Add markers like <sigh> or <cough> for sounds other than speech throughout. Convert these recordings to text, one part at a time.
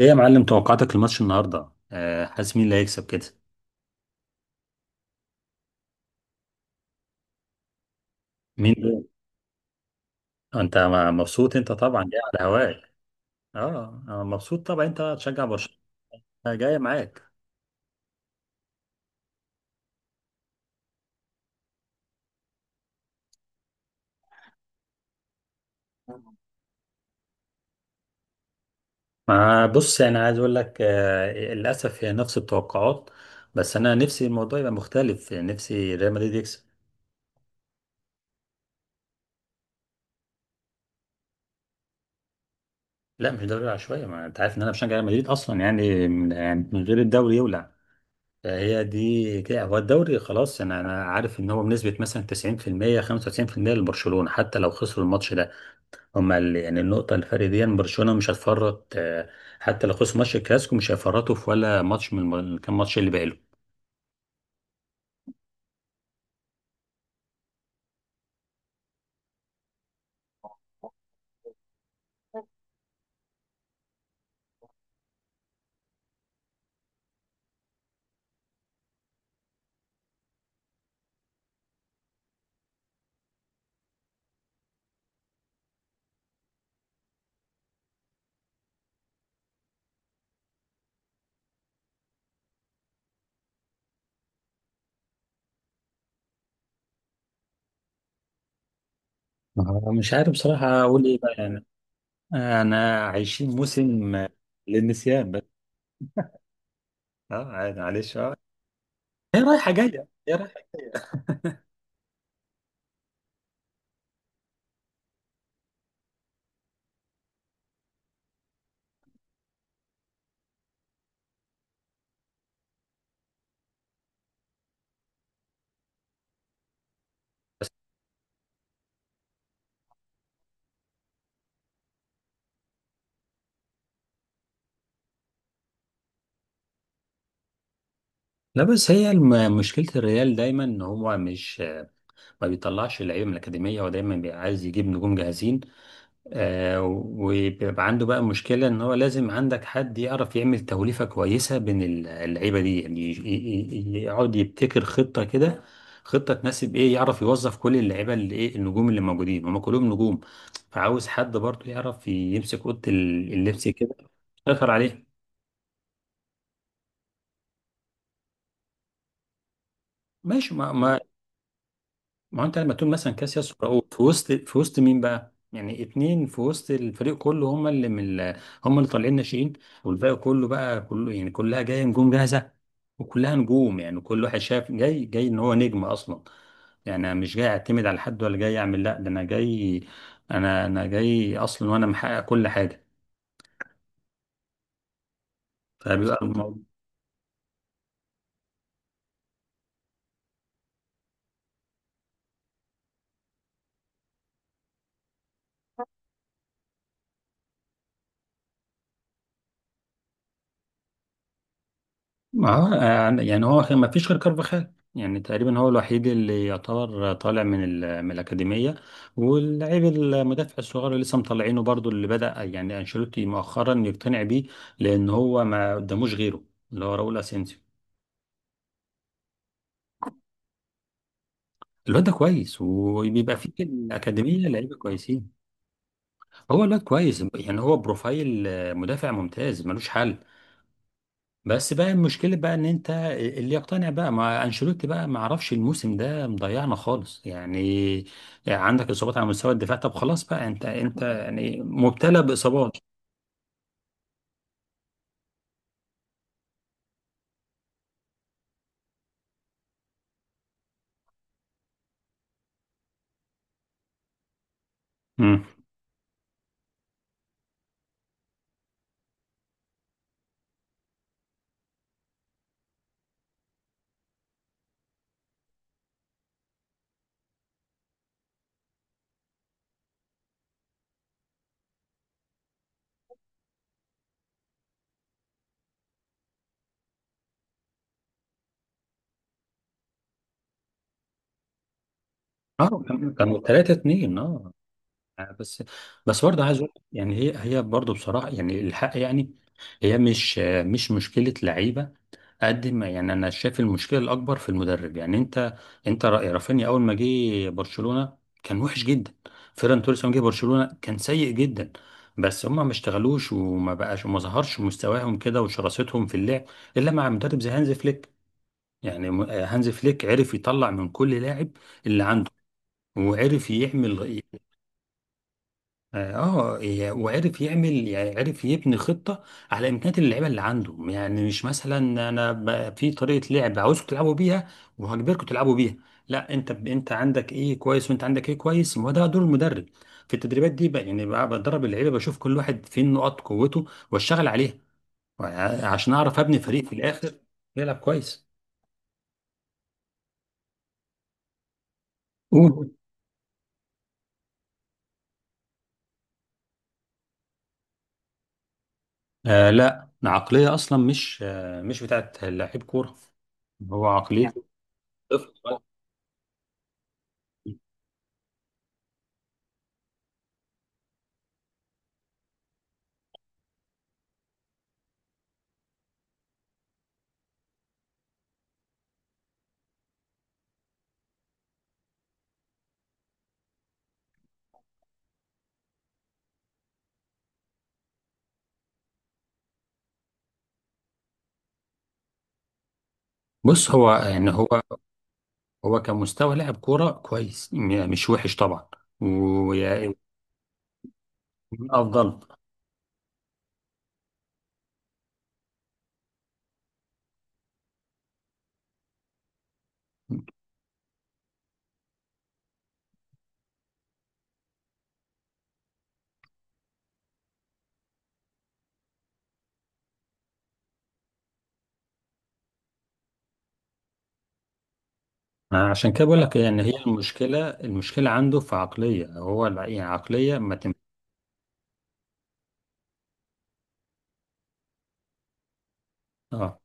ايه يا معلم، توقعاتك الماتش النهارده؟ حاسس مين اللي هيكسب كده؟ مين دول؟ انت مبسوط، انت طبعا جاي على هواك. اه، أنا مبسوط طبعا، انت تشجع برشلونه. جاي معاك. ما بص، يعني عايز اقول لك، للاسف هي نفس التوقعات. بس انا نفسي الموضوع يبقى مختلف، نفسي ريال مدريد يكسب. لا، مش دوري العشوائيه، ما انت عارف ان انا بشجع ريال مدريد اصلا، يعني من يعني من غير الدوري يولع. فهي دي كده، هو الدوري خلاص، انا عارف ان هو بنسبه مثلا 90% 95% لبرشلونه، حتى لو خسروا الماتش ده. هم يعني النقطه، الفرق دي إن برشلونه مش هتفرط، حتى لو خسروا ماتش الكلاسيكو مش هيفرطوا في ولا ماتش من كام ماتش اللي باقي لهم. مش عارف بصراحه اقول ايه بقى يعني. انا عايشين موسم للنسيان بس. اه، عادي، معلش، اه. هي رايحه جايه، هي رايحه جايه. لا، بس هي مشكلة الريال دايما ان هو مش ما بيطلعش اللعيبه من الاكاديميه، هو دايما بيبقى عايز يجيب نجوم جاهزين. وبيبقى عنده بقى مشكله ان هو لازم عندك حد يعرف يعمل توليفه كويسه بين اللعيبه دي، يعني يقعد يبتكر خطه كده. خطه تناسب ايه، يعرف يوظف كل اللعيبه، اللي ايه النجوم اللي موجودين هم كلهم نجوم. فعاوز حد برضه يعرف يمسك اوضه اللبس كده، يسيطر عليه. ماشي، ما هو انت لما تكون مثلا كاسياس وراؤول في وسط مين بقى؟ يعني اتنين في وسط الفريق كله، هم اللي من هم اللي طالعين ناشئين. والباقي كله بقى كله، يعني كلها جايه نجوم جاهزه، وكلها نجوم. يعني كل واحد شاف جاي، جاي ان هو نجم اصلا، يعني انا مش جاي اعتمد على حد، ولا جاي اعمل، لا، ده انا جاي، انا جاي اصلا، وانا محقق كل حاجه. فبيبقى الموضوع، ما هو يعني هو ما فيش غير كارفاخال، يعني تقريبا هو الوحيد اللي يعتبر طالع من من الأكاديمية. واللاعب المدافع الصغير اللي لسه مطلعينه برضو، اللي بدأ يعني أنشيلوتي مؤخرا يقتنع بيه، لأن هو ما قداموش غيره، اللي هو راؤول أسينسيو. الواد ده كويس، وبيبقى فيه في الأكاديمية لعيبة كويسين. هو الواد كويس، يعني هو بروفايل مدافع ممتاز ملوش حل. بس بقى المشكلة بقى ان انت اللي يقتنع بقى مع انشيلوتي بقى، ما اعرفش، الموسم ده مضيعنا خالص يعني. عندك اصابات على مستوى الدفاع، طب خلاص بقى، انت يعني مبتلى باصابات. امم. اه، كانوا 3-2، اه. بس، برضه عايز اقول لك يعني، هي برضه بصراحة، يعني الحق يعني، هي مش مشكلة لعيبة، قد ما يعني انا شايف المشكله الاكبر في المدرب. يعني انت، انت رأي رافينيا، اول ما جه برشلونه كان وحش جدا. فيران توريس لما جه برشلونه كان سيء جدا. بس هما ما اشتغلوش، وما بقاش وما ظهرش مستواهم كده وشراستهم في اللعب الا مع مدرب زي هانز فليك. يعني هانز فليك عرف يطلع من كل لاعب اللي عنده، وعرف يعمل. اه، وعرف يعمل، يعني عرف يبني خطه على امكانيات اللعيبه اللي عنده. يعني مش مثلا، انا في طريقه لعب عاوزكم تلعبوا بيها، وهجبركم تلعبوا بيها، لا، انت انت عندك ايه كويس، وانت عندك ايه كويس، وده دور المدرب في التدريبات دي بقى. يعني بقى بدرب اللعيبه، بشوف كل واحد فين نقاط قوته، واشتغل عليها، عشان اعرف ابني فريق في الاخر يلعب كويس. قول. لا، عقليه اصلا مش مش بتاعت لعيب كوره، هو عقليته طفل. بص، هو يعني هو، هو كمستوى لاعب كوره كويس، يعني مش وحش طبعا، ويعني من افضل. عشان كده بقول لك، يعني هي المشكله، المشكله عنده في عقليه، هو يعني عقليه ما تم. اه،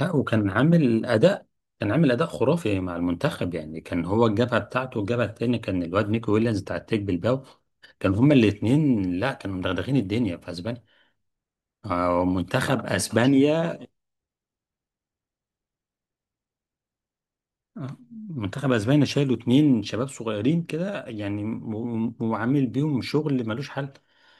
لا، وكان عامل اداء، كان عامل اداء خرافي مع المنتخب، يعني كان هو الجبهه بتاعته، والجبهه الثانيه كان الواد نيكو ويليامز بتاع التيك بالباو، كانوا هما الاثنين، لا، كانوا مدغدغين الدنيا في اسبانيا، منتخب اسبانيا. آه، منتخب اسبانيا شالوا اتنين شباب صغيرين كده يعني، وعامل بيهم شغل ملوش حل.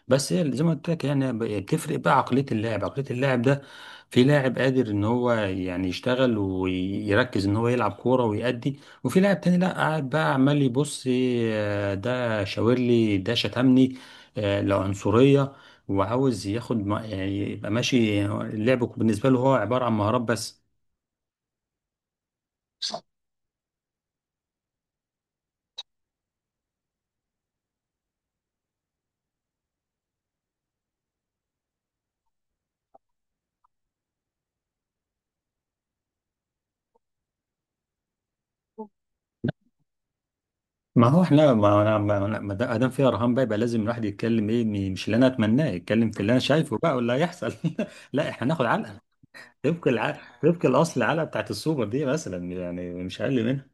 بس هي زي ما قلت لك، يعني بتفرق بقى عقلية اللاعب، عقلية اللاعب ده. في لاعب قادر ان هو يعني يشتغل ويركز ان هو يلعب كورة ويأدي، وفي لاعب تاني لا، قاعد بقى عمال يبص، ده شاور لي، ده شتمني، لا، عنصرية، وعاوز ياخد، يعني يبقى ماشي، اللعب بالنسبة له هو عبارة عن مهارات بس. ما هو احنا، ما انا ما أنا- ما دا- ما دام فيها رهان بقى، يبقى لازم الواحد يتكلم ايه، مش اللي انا اتمناه، يتكلم في اللي انا شايفه بقى واللي هيحصل. <laughs> لا، احنا ناخد علقه طبق العقل، طبق الاصل العلقه بتاعت السوبر دي مثلا، يعني مش اقل منها.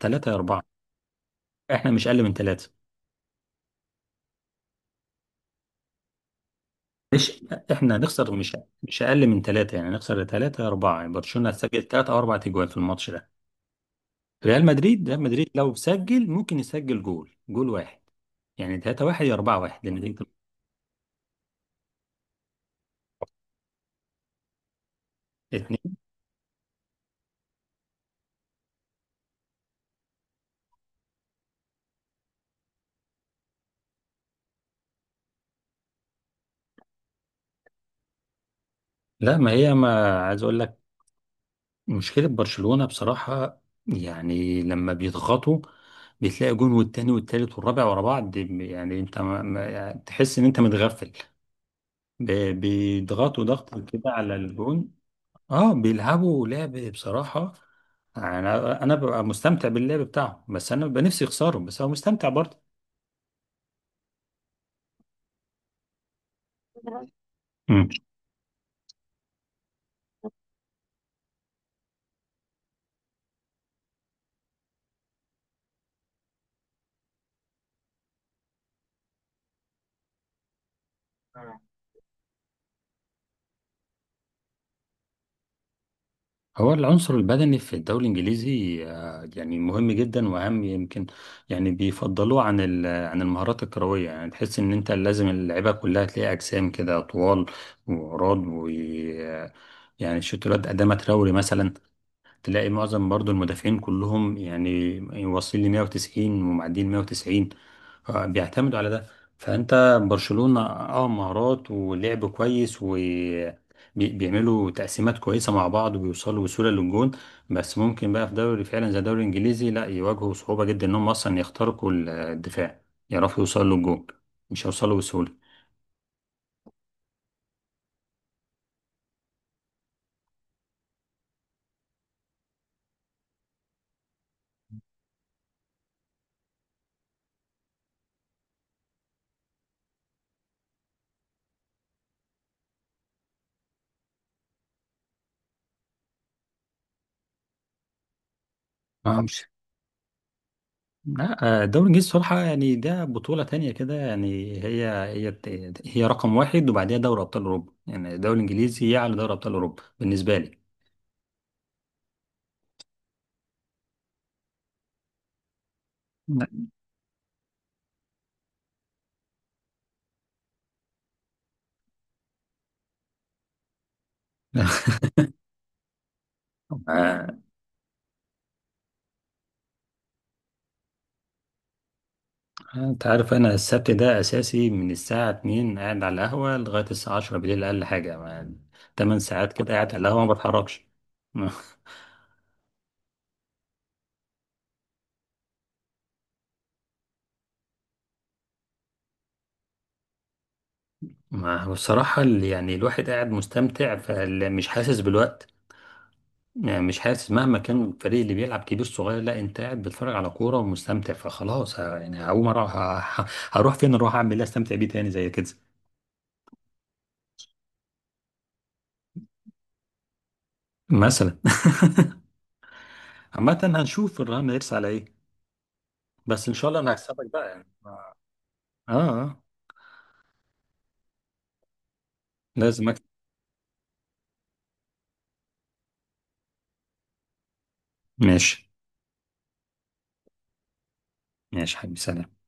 ثلاثه يا اربعه. احنا مش اقل من ثلاثه. مش، احنا هنخسر، مش مش اقل من ثلاثه، يعني هنخسر ثلاثه يا اربعه، يعني برشلونه هتسجل 3 او 4 اجوال في الماتش ده. ريال مدريد، ريال مدريد لو سجل، ممكن يسجل جول، جول واحد، يعني 3 واحد يا 4 واحد، لان انت. اتنين. لا، ما هي، ما عايز اقول لك، مشكلة برشلونة بصراحة، يعني لما بيضغطوا، بتلاقي جون والتاني والتالت والرابع ورا بعض، يعني انت، يعني تحس ان انت متغفل، بيضغطوا ضغط كده على الجون. اه، بيلعبوا لعب بصراحة، انا ببقى مستمتع باللعب بتاعهم، بس انا ببقى نفسي يخسروا، بس هو مستمتع برضه. مم. هو العنصر البدني في الدوري الإنجليزي يعني مهم جدا، وأهم يمكن، يعني بيفضلوه عن عن المهارات الكروية. يعني تحس إن أنت لازم اللعيبة كلها تلاقي أجسام كده طوال وعراض، و، يعني شوتولات قدامها تروري مثلا. تلاقي معظم برضو المدافعين كلهم يعني واصلين ل 190، ومعديين 190. بيعتمدوا على ده. فانت برشلونة مهارات ولعب كويس، وبيعملوا تقسيمات كويسة مع بعض، وبيوصلوا بسهولة للجون. بس ممكن بقى في دوري فعلا زي الدوري الانجليزي، لا، يواجهوا صعوبة جدا انهم اصلا يخترقوا الدفاع، يعرفوا يوصلوا للجون، مش هيوصلوا بسهولة. لا، الدوري الانجليزي بصراحه يعني ده بطوله تانية كده، يعني هي رقم واحد، وبعديها دوري ابطال اوروبا، يعني الدوري الانجليزي يعلى دوري ابطال اوروبا بالنسبه لي. لا. <laughs> آه، انت عارف انا السبت ده اساسي، من الساعه 2 قاعد على القهوه لغايه الساعه 10 بالليل، اقل حاجه 8 ساعات كده قاعد على القهوه، ما بتحركش. <laughs> ما بصراحه يعني الواحد قاعد مستمتع، فمش حاسس بالوقت. يعني مش حاسس، مهما كان الفريق اللي بيلعب كبير صغير، لا، انت قاعد بتتفرج على كوره ومستمتع، فخلاص يعني هقوم اروح، هروح فين، اروح اعمل ايه، استمتع بيه تاني زي كده مثلا. <laughs> عامة هنشوف الرهان هيرس على ايه. بس ان شاء الله انا هكسبك بقى يعني. اه، اه، لازم اكسب. ماشي، ماشي حبيبي، سلام.